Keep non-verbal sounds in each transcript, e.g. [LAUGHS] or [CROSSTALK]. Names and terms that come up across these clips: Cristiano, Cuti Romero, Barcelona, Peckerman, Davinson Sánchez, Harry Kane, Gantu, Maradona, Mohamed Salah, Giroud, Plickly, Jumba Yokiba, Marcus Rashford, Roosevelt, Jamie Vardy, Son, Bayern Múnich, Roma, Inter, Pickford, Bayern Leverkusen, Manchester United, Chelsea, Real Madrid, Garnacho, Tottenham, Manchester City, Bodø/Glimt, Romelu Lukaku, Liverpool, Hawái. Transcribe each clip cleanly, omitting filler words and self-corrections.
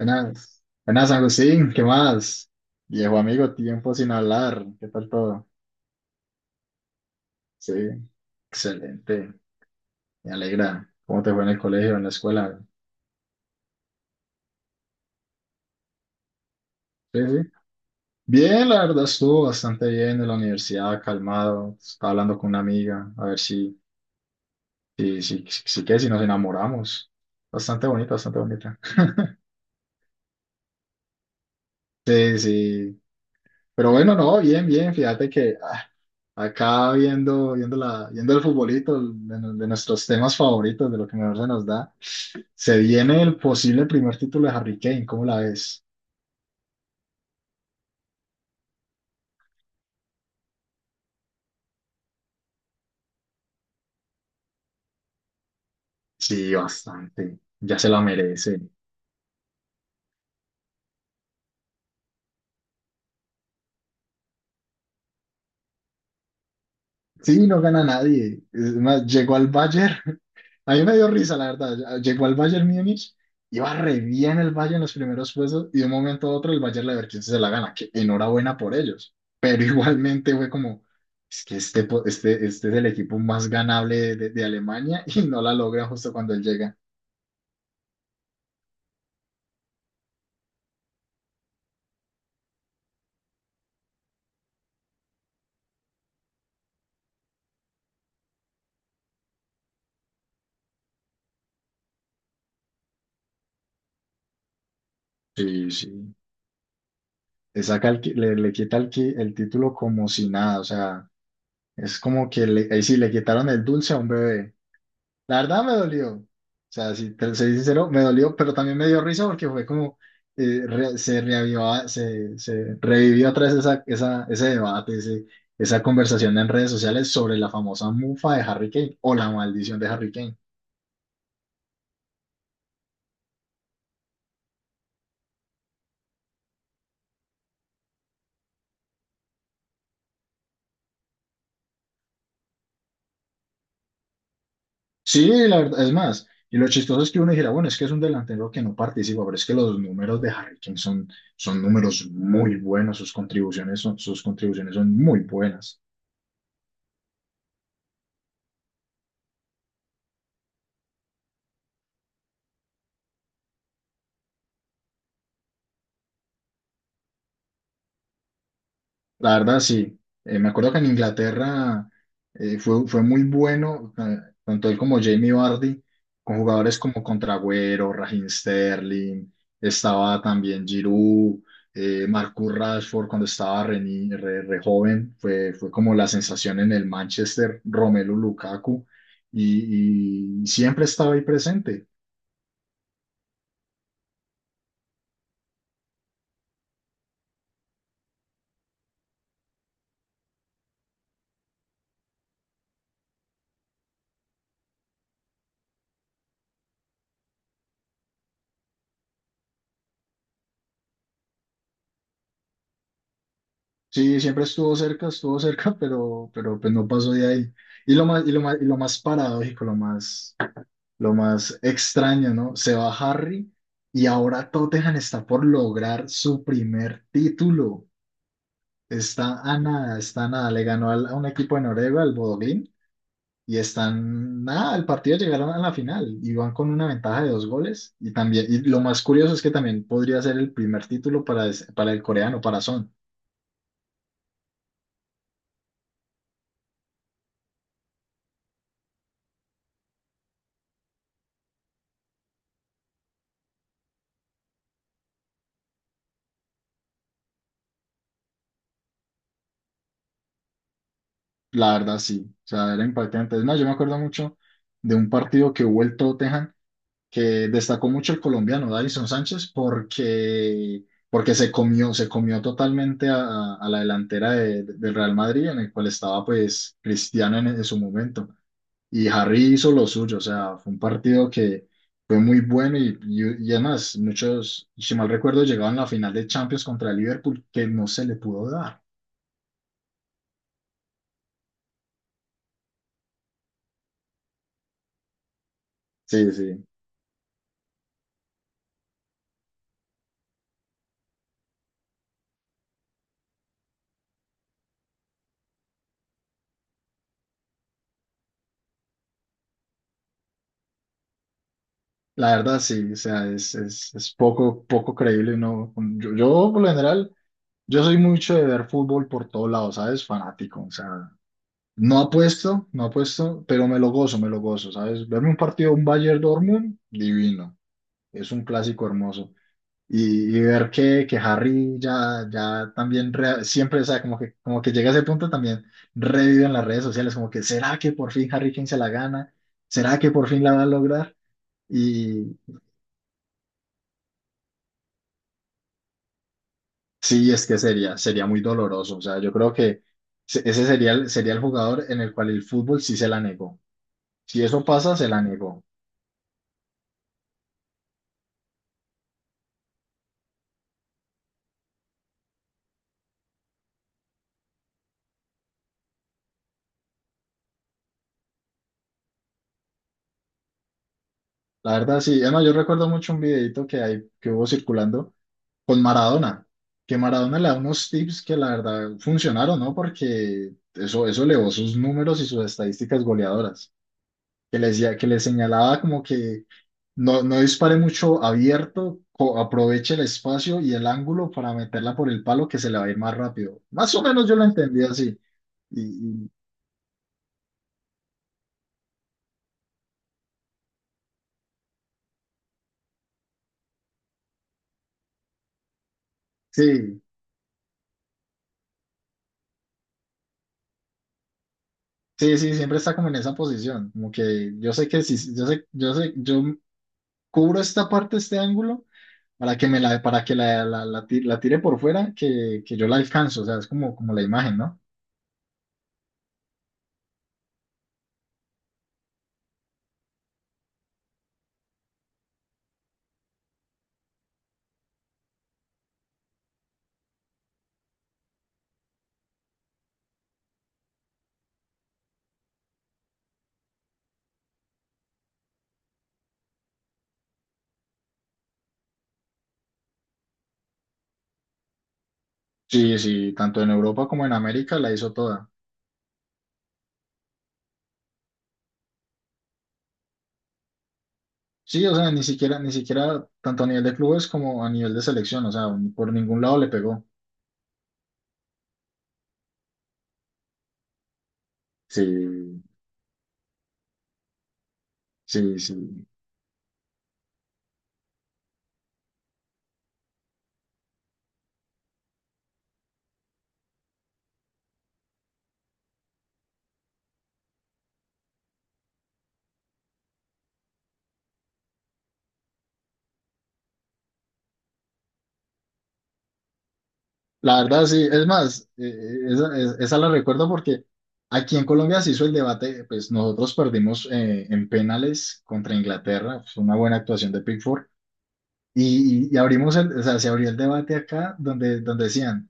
Buenas, buenas San Agustín, ¿qué más? Viejo amigo, tiempo sin hablar, ¿qué tal todo? Sí, excelente, me alegra. ¿Cómo te fue en el colegio, en la escuela? Sí, sí. Bien, la verdad estuvo bastante bien en la universidad, calmado, estaba hablando con una amiga, a ver si qué si nos enamoramos. Bastante bonita, bastante bonita. Sí, sí. Pero bueno, no, bien, bien, fíjate que... acá viendo el futbolito, de nuestros temas favoritos, de lo que mejor se nos da, se viene el posible primer título de Harry Kane, ¿cómo la ves? Sí, bastante, ya se la merece. Sí, no gana nadie. Es más, llegó al Bayern. [LAUGHS] A mí me dio risa, la verdad. Llegó al Bayern Múnich, iba re bien el Bayern en los primeros puestos y de un momento a otro el Bayern Leverkusen se la gana. Que enhorabuena por ellos. Pero [LAUGHS] igualmente fue como, es que este es el equipo más ganable de, de Alemania [LAUGHS] y no la logra justo cuando él llega. Sí, sí. Le saca el qui- le quita el título como si nada. O sea, es como que le, ahí sí le quitaron el dulce a un bebé. La verdad me dolió. O sea, si te soy sincero, me dolió, pero también me dio risa porque fue como se reavivó, se revivió otra vez ese debate, esa conversación en redes sociales sobre la famosa mufa de Harry Kane o la maldición de Harry Kane. Sí, la verdad, es más, y lo chistoso es que uno dijera, bueno, es que es un delantero que no participa, pero es que los números de Harry Kane son números muy buenos, sus contribuciones son muy buenas. La verdad, sí. Me acuerdo que en Inglaterra fue muy bueno, tanto él como Jamie Vardy, con jugadores como Contragüero, Raheem Sterling, estaba también Giroud, Marcus Rashford cuando estaba re, ni- re- re joven, fue como la sensación en el Manchester, Romelu Lukaku, y siempre estaba ahí presente. Sí, siempre estuvo cerca, [LAUGHS] pero pues no pasó de ahí. Y lo más paradójico, lo más extraño, ¿no? Se va Harry y ahora Tottenham está por lograr su primer título. Está a nada, está a nada. Le ganó a un equipo de Noruega, al Bodø/Glimt, y están nada, el partido llegaron a la final y van con una ventaja de dos goles. Y también, y lo más curioso es que también podría ser el primer título para, para el coreano, para Son. La verdad, sí. O sea, era impactante. No, yo me acuerdo mucho de un partido que hubo el Tottenham que destacó mucho el colombiano Davinson Sánchez porque se comió totalmente a la delantera del Real Madrid, en el cual estaba pues Cristiano en su momento. Y Harry hizo lo suyo, o sea, fue un partido que fue muy bueno y además muchos, si mal recuerdo, llegaban a la final de Champions contra el Liverpool que no se le pudo dar. Sí, sí. La verdad, sí, o sea, es poco, poco creíble, ¿no? Por lo general, yo soy mucho de ver fútbol por todos lados, ¿sabes? Fanático, o sea, no apuesto, no apuesto, pero me lo gozo, ¿sabes? Verme un partido, un Bayern Dortmund, divino, es un clásico hermoso. Y ver que Harry ya también, siempre, o sea, como que llega a ese punto también, revive en las redes sociales, como que, ¿será que por fin Harry Kane se la gana? ¿Será que por fin la va a lograr? Sí, es que sería muy doloroso. O sea, yo creo que ese sería sería el jugador en el cual el fútbol sí se la negó. Si eso pasa, se la negó. La verdad, sí. Además, yo recuerdo mucho un videito que hay, que hubo circulando con Maradona, que Maradona le da unos tips que la verdad funcionaron, ¿no? Porque eso elevó sus números y sus estadísticas goleadoras. Que les señalaba como que no, no dispare mucho abierto, aproveche el espacio y el ángulo para meterla por el palo que se le va a ir más rápido. Más o menos yo lo entendí así. Y, y sí, sí, siempre está como en esa posición, como que yo sé que si, yo cubro esta parte, este ángulo, para que me la, para que la tire por fuera, que yo la alcanzo, o sea, es como, como la imagen, ¿no? Sí, sí, tanto en Europa como en América la hizo toda. Sí, o sea, ni siquiera, ni siquiera tanto a nivel de clubes como a nivel de selección, o sea, por ningún lado le pegó. Sí, sí, sí. La verdad, sí. Es más, esa la recuerdo porque aquí en Colombia se hizo el debate, pues nosotros perdimos en penales contra Inglaterra, fue una buena actuación de Pickford, y, y abrimos el, o sea, se abrió el debate acá donde, donde decían...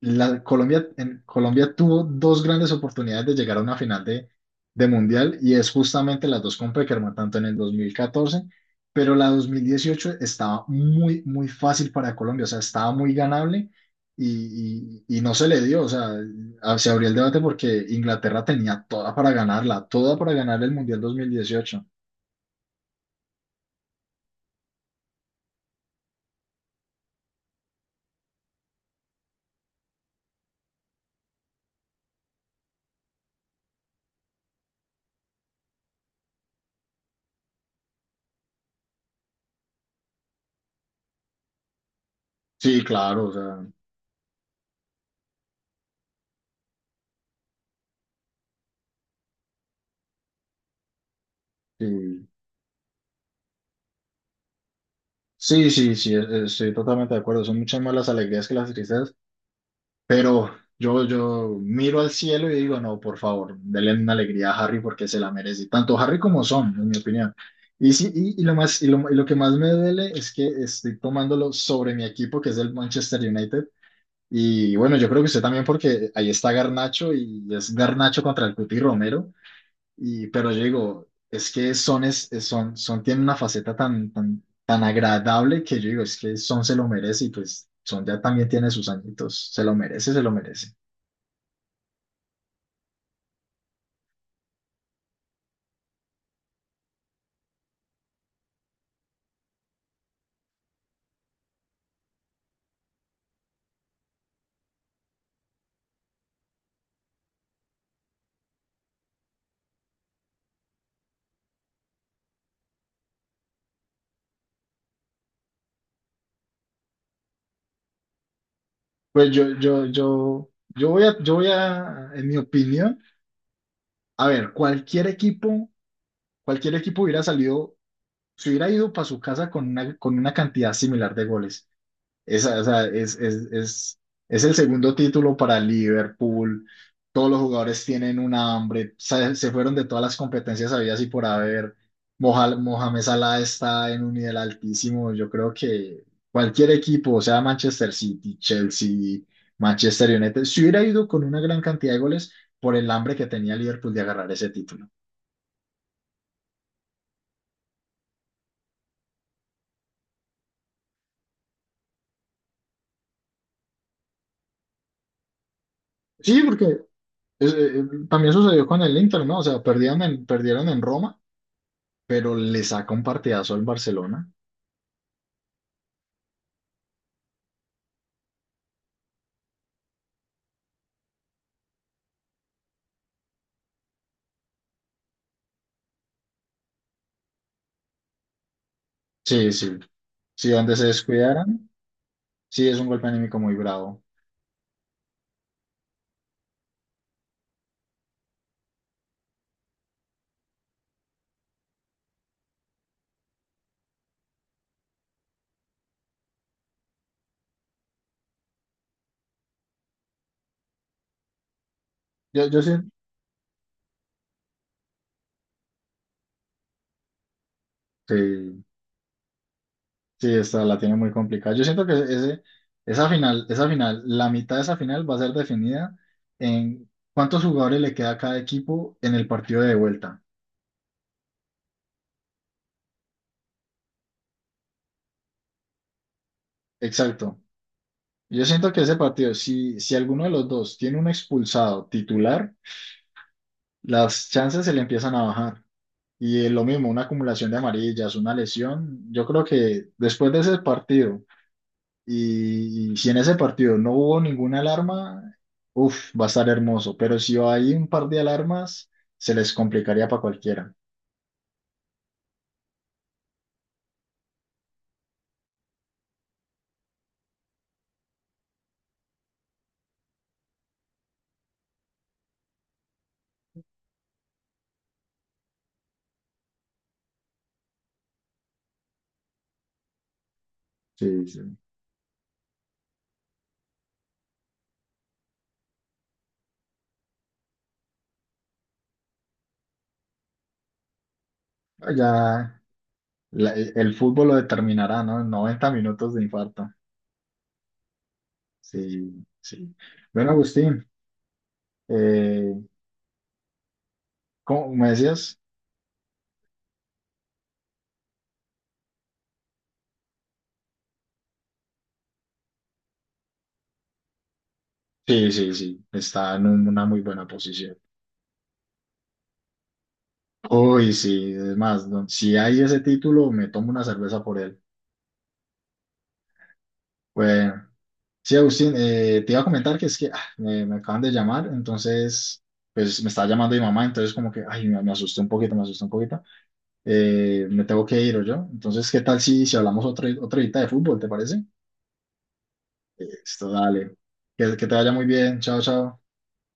la Colombia, en Colombia tuvo dos grandes oportunidades de llegar a una final de Mundial y es justamente las dos con Peckerman, tanto en el 2014, pero la 2018 estaba muy, muy fácil para Colombia, o sea, estaba muy ganable y, y no se le dio, o sea, se abrió el debate porque Inglaterra tenía toda para ganarla, toda para ganar el Mundial 2018. Sí, claro, o sea, sí, sí, estoy totalmente de acuerdo, son muchas más las alegrías que las tristezas. Yo miro al cielo y digo, no, por favor, denle una alegría a Harry porque se la merece. Tanto Harry como Son, en mi opinión. Y, sí, y lo que más me duele es que estoy tomándolo sobre mi equipo, que es el Manchester United. Y bueno, yo creo que usted también, porque ahí está Garnacho y es Garnacho contra el Cuti Romero. Y, pero yo digo, es que Son, es- Son, Son tiene una faceta tan agradable que yo digo, es que Son se lo merece y pues Son ya también tiene sus añitos. Se lo merece, se lo merece. Pues yo voy a, en mi opinión, a ver, cualquier equipo hubiera salido, se hubiera ido para su casa con una cantidad similar de goles. Esa, o sea, es el segundo título para Liverpool. Todos los jugadores tienen una hambre. Se fueron de todas las competencias habidas y por haber. Mohamed Salah está en un nivel altísimo. Yo creo que cualquier equipo, o sea Manchester City, Chelsea, Manchester United, se hubiera ido con una gran cantidad de goles por el hambre que tenía Liverpool de agarrar ese título. Sí, porque eh, también sucedió con el Inter, ¿no? O sea, perdieron en Roma pero le saca un partidazo al Barcelona. Sí, sí. Si donde se descuidaran, sí es un golpe anímico muy bravo. Yo, yo siento, sí, sí, esta la tiene muy complicada. Yo siento que esa final, la mitad de esa final va a ser definida en cuántos jugadores le queda a cada equipo en el partido de vuelta. Exacto. Yo siento que ese partido, si, si alguno de los dos tiene un expulsado titular, las chances se le empiezan a bajar. Y lo mismo, una acumulación de amarillas, una lesión. Yo creo que después de ese partido, y si en ese partido no hubo ninguna alarma, uff, va a estar hermoso. Pero si hay un par de alarmas, se les complicaría para cualquiera. Sí, sí. Ya el fútbol lo determinará, ¿no? 90 minutos de infarto. Sí, sí. Bueno, Agustín, eh, ¿cómo me decías? Sí, sí, sí. Está en una muy buena posición. Uy, sí, es más, si hay ese título, me tomo una cerveza por él. Bueno, sí, Agustín, te iba a comentar que es que me acaban de llamar, entonces, pues me estaba llamando mi mamá, entonces como que, ay, me asusté un poquito, me asusté un poquito. Me tengo que ir, yo. Entonces, ¿qué tal si, si hablamos otra horita de fútbol, te parece? Esto, dale. Que te vaya muy bien, chao, chao.